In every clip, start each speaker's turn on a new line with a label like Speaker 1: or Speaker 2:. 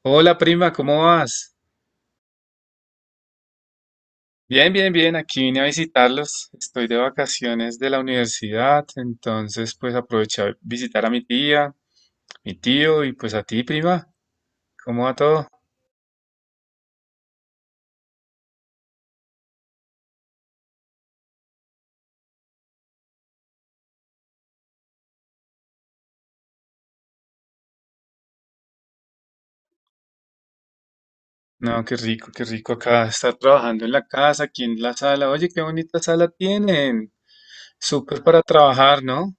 Speaker 1: Hola prima, ¿cómo vas? Bien, bien, bien, aquí vine a visitarlos. Estoy de vacaciones de la universidad, entonces pues aproveché a visitar a mi tía, mi tío y pues a ti, prima. ¿Cómo va todo? No, qué rico acá estar trabajando en la casa, aquí en la sala. Oye, qué bonita sala tienen. Súper para trabajar, ¿no?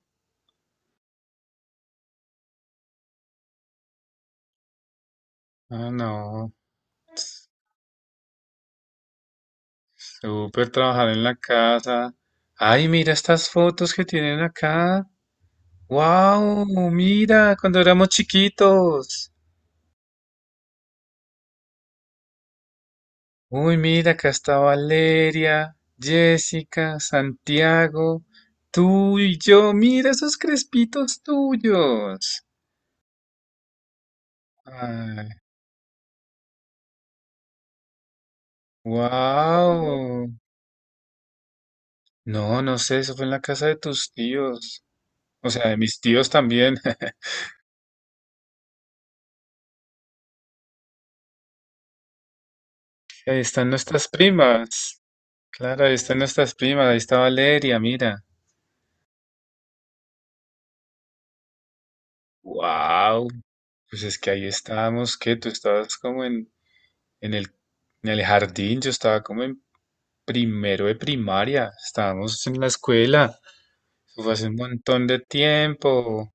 Speaker 1: Ah, no, súper trabajar en la casa. Ay, mira estas fotos que tienen acá. ¡Wow! Mira, cuando éramos chiquitos. Uy, mira, acá está Valeria, Jessica, Santiago, tú y yo. Mira esos crespitos tuyos. Ay, wow. No, no sé, eso fue en la casa de tus tíos. O sea, de mis tíos también. Ahí están nuestras primas. Claro, ahí están nuestras primas. Ahí está Valeria, mira. Wow. Pues es que ahí estábamos, que tú estabas como en el, en el jardín, yo estaba como en primero de primaria, estábamos en la escuela, eso fue hace un montón de tiempo.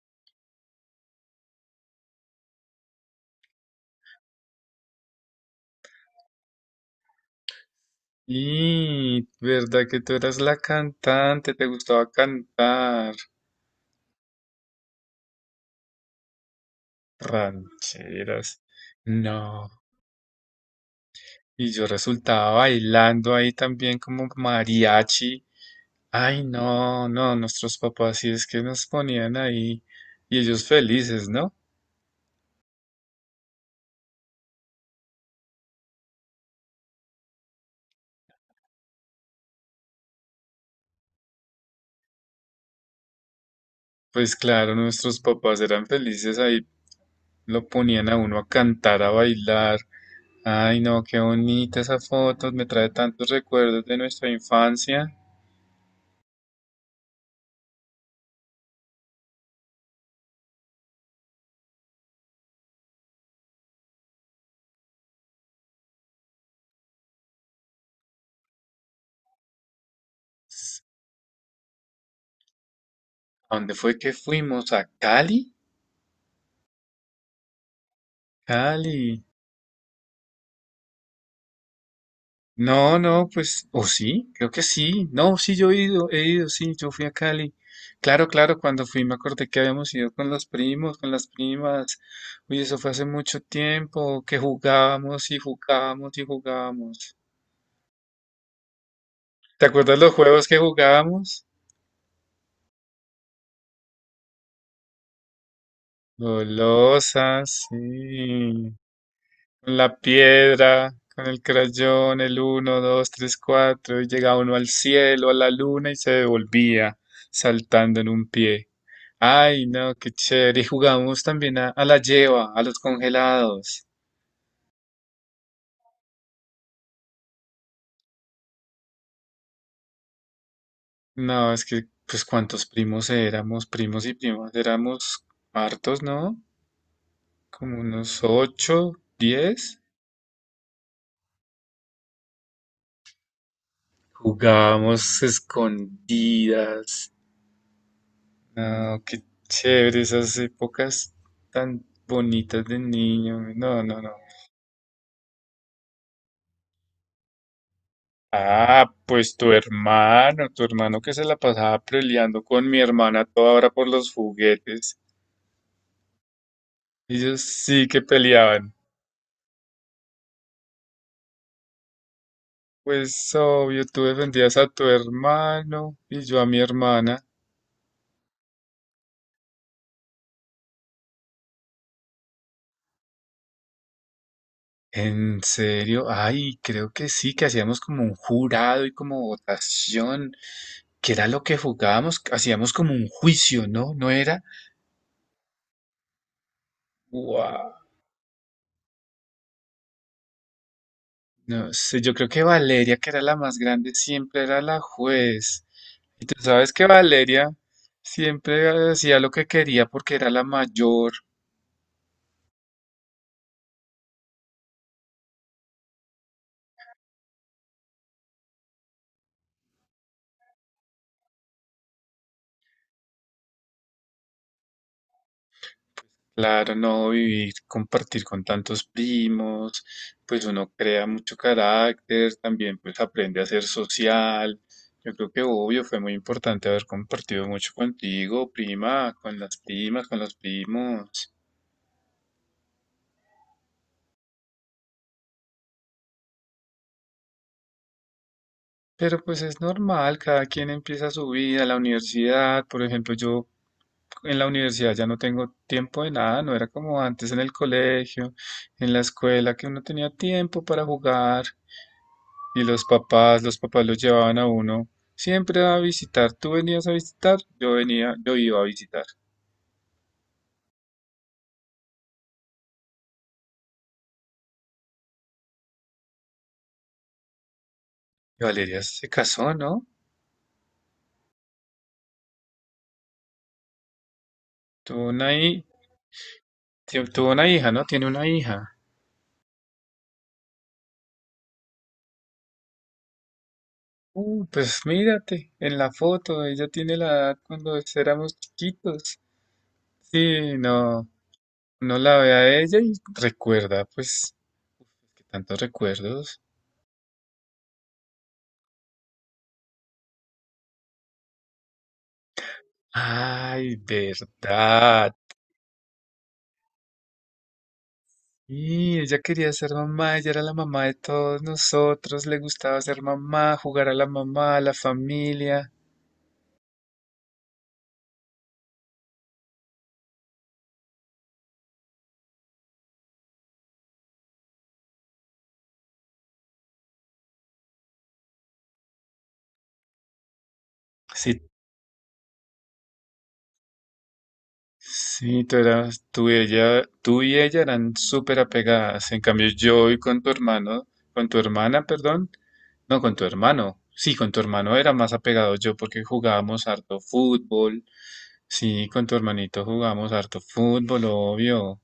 Speaker 1: Y ¿verdad que tú eras la cantante? ¿Te gustaba cantar? Rancheras. No. Y yo resultaba bailando ahí también como mariachi. Ay, no, no, nuestros papás sí es que nos ponían ahí y ellos felices, ¿no? Pues claro, nuestros papás eran felices ahí, lo ponían a uno a cantar, a bailar. Ay, no, qué bonita esa foto, me trae tantos recuerdos de nuestra infancia. ¿A dónde fue que fuimos? ¿A Cali? Cali. No, no, pues, o sí, creo que sí. No, sí, yo he ido, sí, yo fui a Cali. Claro, claro, cuando fui me acordé que habíamos ido con los primos, con las primas. Uy, eso fue hace mucho tiempo, que jugábamos y jugábamos y jugábamos. ¿Te acuerdas los juegos que jugábamos? Golosas, sí, con la piedra, con el crayón, el uno, 2, 3, 4, y llegaba uno al cielo, a la luna y se devolvía saltando en un pie. Ay, no, qué chévere. Y jugamos también a, la lleva, a los congelados. No, es que, pues, ¿cuántos primos éramos? Primos y primas, éramos hartos, ¿no? Como unos ocho, 10. Jugábamos escondidas. No, qué chévere, esas épocas tan bonitas de niño. No, no, no. Ah, pues tu hermano que se la pasaba peleando con mi hermana a toda hora por los juguetes. Ellos sí que peleaban. Pues obvio, tú defendías a tu hermano y yo a mi hermana. ¿En serio? Ay, creo que sí, que hacíamos como un jurado y como votación, que era lo que jugábamos, hacíamos como un juicio, ¿no? ¿No era? ¡Wow! No sé, yo creo que Valeria, que era la más grande, siempre era la juez. Y tú sabes que Valeria siempre hacía lo que quería porque era la mayor. Claro, no vivir, compartir con tantos primos, pues uno crea mucho carácter, también pues aprende a ser social. Yo creo que obvio fue muy importante haber compartido mucho contigo, prima, con las primas, con los primos. Pero pues es normal, cada quien empieza su vida, la universidad, por ejemplo, yo en la universidad ya no tengo tiempo de nada, no era como antes en el colegio, en la escuela, que uno tenía tiempo para jugar y los papás los llevaban a uno siempre a visitar, tú venías a visitar, yo venía, yo iba a visitar. Y Valeria se casó, ¿no? Tuvo una, hi- Tuvo una hija, ¿no? Tiene una hija. Pues mírate, en la foto, ella tiene la edad cuando éramos chiquitos. Sí, no, no la ve a ella y recuerda, pues, que tantos recuerdos. Ay, verdad. Y ella quería ser mamá, ella era la mamá de todos nosotros, le gustaba ser mamá, jugar a la mamá, a la familia. Sí, sí, tú y ella eran súper apegadas. En cambio, yo y con tu hermano, con tu hermana, perdón, no, con tu hermano. Sí, con tu hermano era más apegado yo porque jugábamos harto fútbol. Sí, con tu hermanito jugábamos harto fútbol, obvio.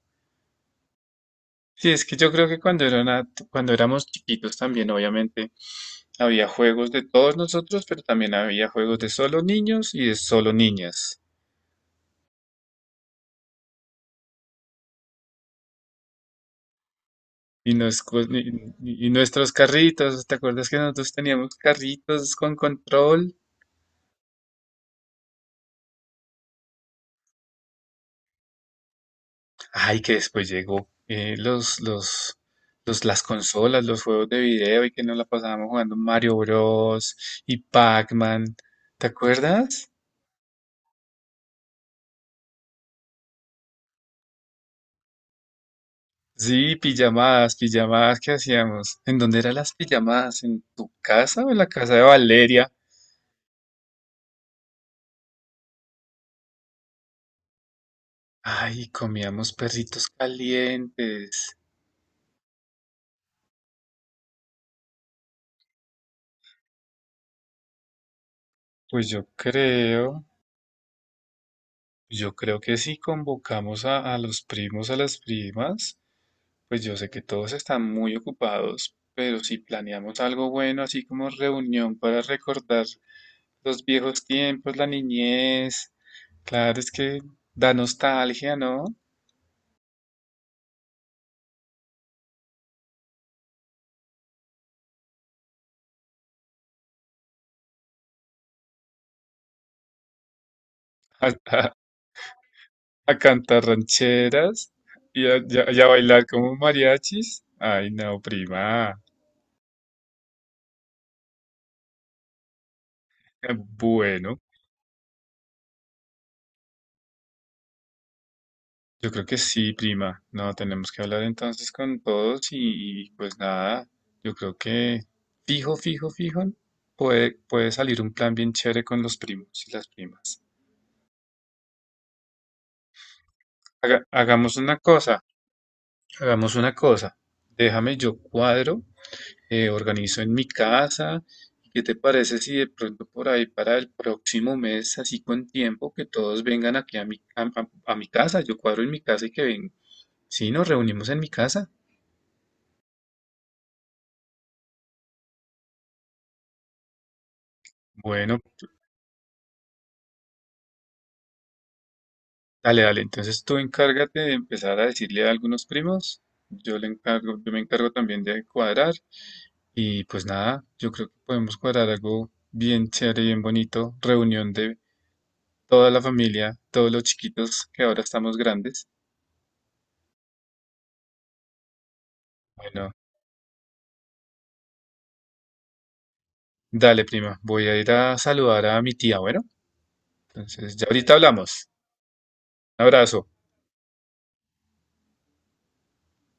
Speaker 1: Sí, es que yo creo que cuando éramos chiquitos también, obviamente, había juegos de todos nosotros, pero también había juegos de solo niños y de solo niñas. Y, nos cos- y nuestros carritos, ¿te acuerdas que nosotros teníamos carritos con control? Ay, que después llegó las consolas, los juegos de video y que nos la pasábamos jugando Mario Bros. Y Pac-Man. ¿Te acuerdas? Sí, pijamadas que hacíamos. ¿En dónde eran las pijamadas? ¿En tu casa o en la casa de Valeria? Ay, comíamos perritos calientes. Pues yo creo. Yo creo que si convocamos a los primos, a las primas, pues yo sé que todos están muy ocupados, pero si planeamos algo bueno, así como reunión para recordar los viejos tiempos, la niñez, claro, es que da nostalgia, ¿no? A, a- a cantar rancheras y a bailar como mariachis. Ay, no, prima. Bueno. Yo creo que sí, prima. No, tenemos que hablar entonces con todos y, pues nada, yo creo que fijo, puede salir un plan bien chévere con los primos y las primas. Haga- hagamos una cosa, Hagamos una cosa. Déjame yo cuadro, organizo en mi casa. ¿Qué te parece si de pronto por ahí para el próximo mes, así con tiempo, que todos vengan aquí a mi casa? Yo cuadro en mi casa y que vengan. Sí, nos reunimos en mi casa. Bueno, dale, dale. Entonces tú encárgate de empezar a decirle a algunos primos. Yo me encargo también de cuadrar. Y pues nada, yo creo que podemos cuadrar algo bien chévere, bien bonito. Reunión de toda la familia, todos los chiquitos que ahora estamos grandes. Bueno, dale, prima. Voy a ir a saludar a mi tía. Bueno, entonces ya ahorita hablamos. Un abrazo.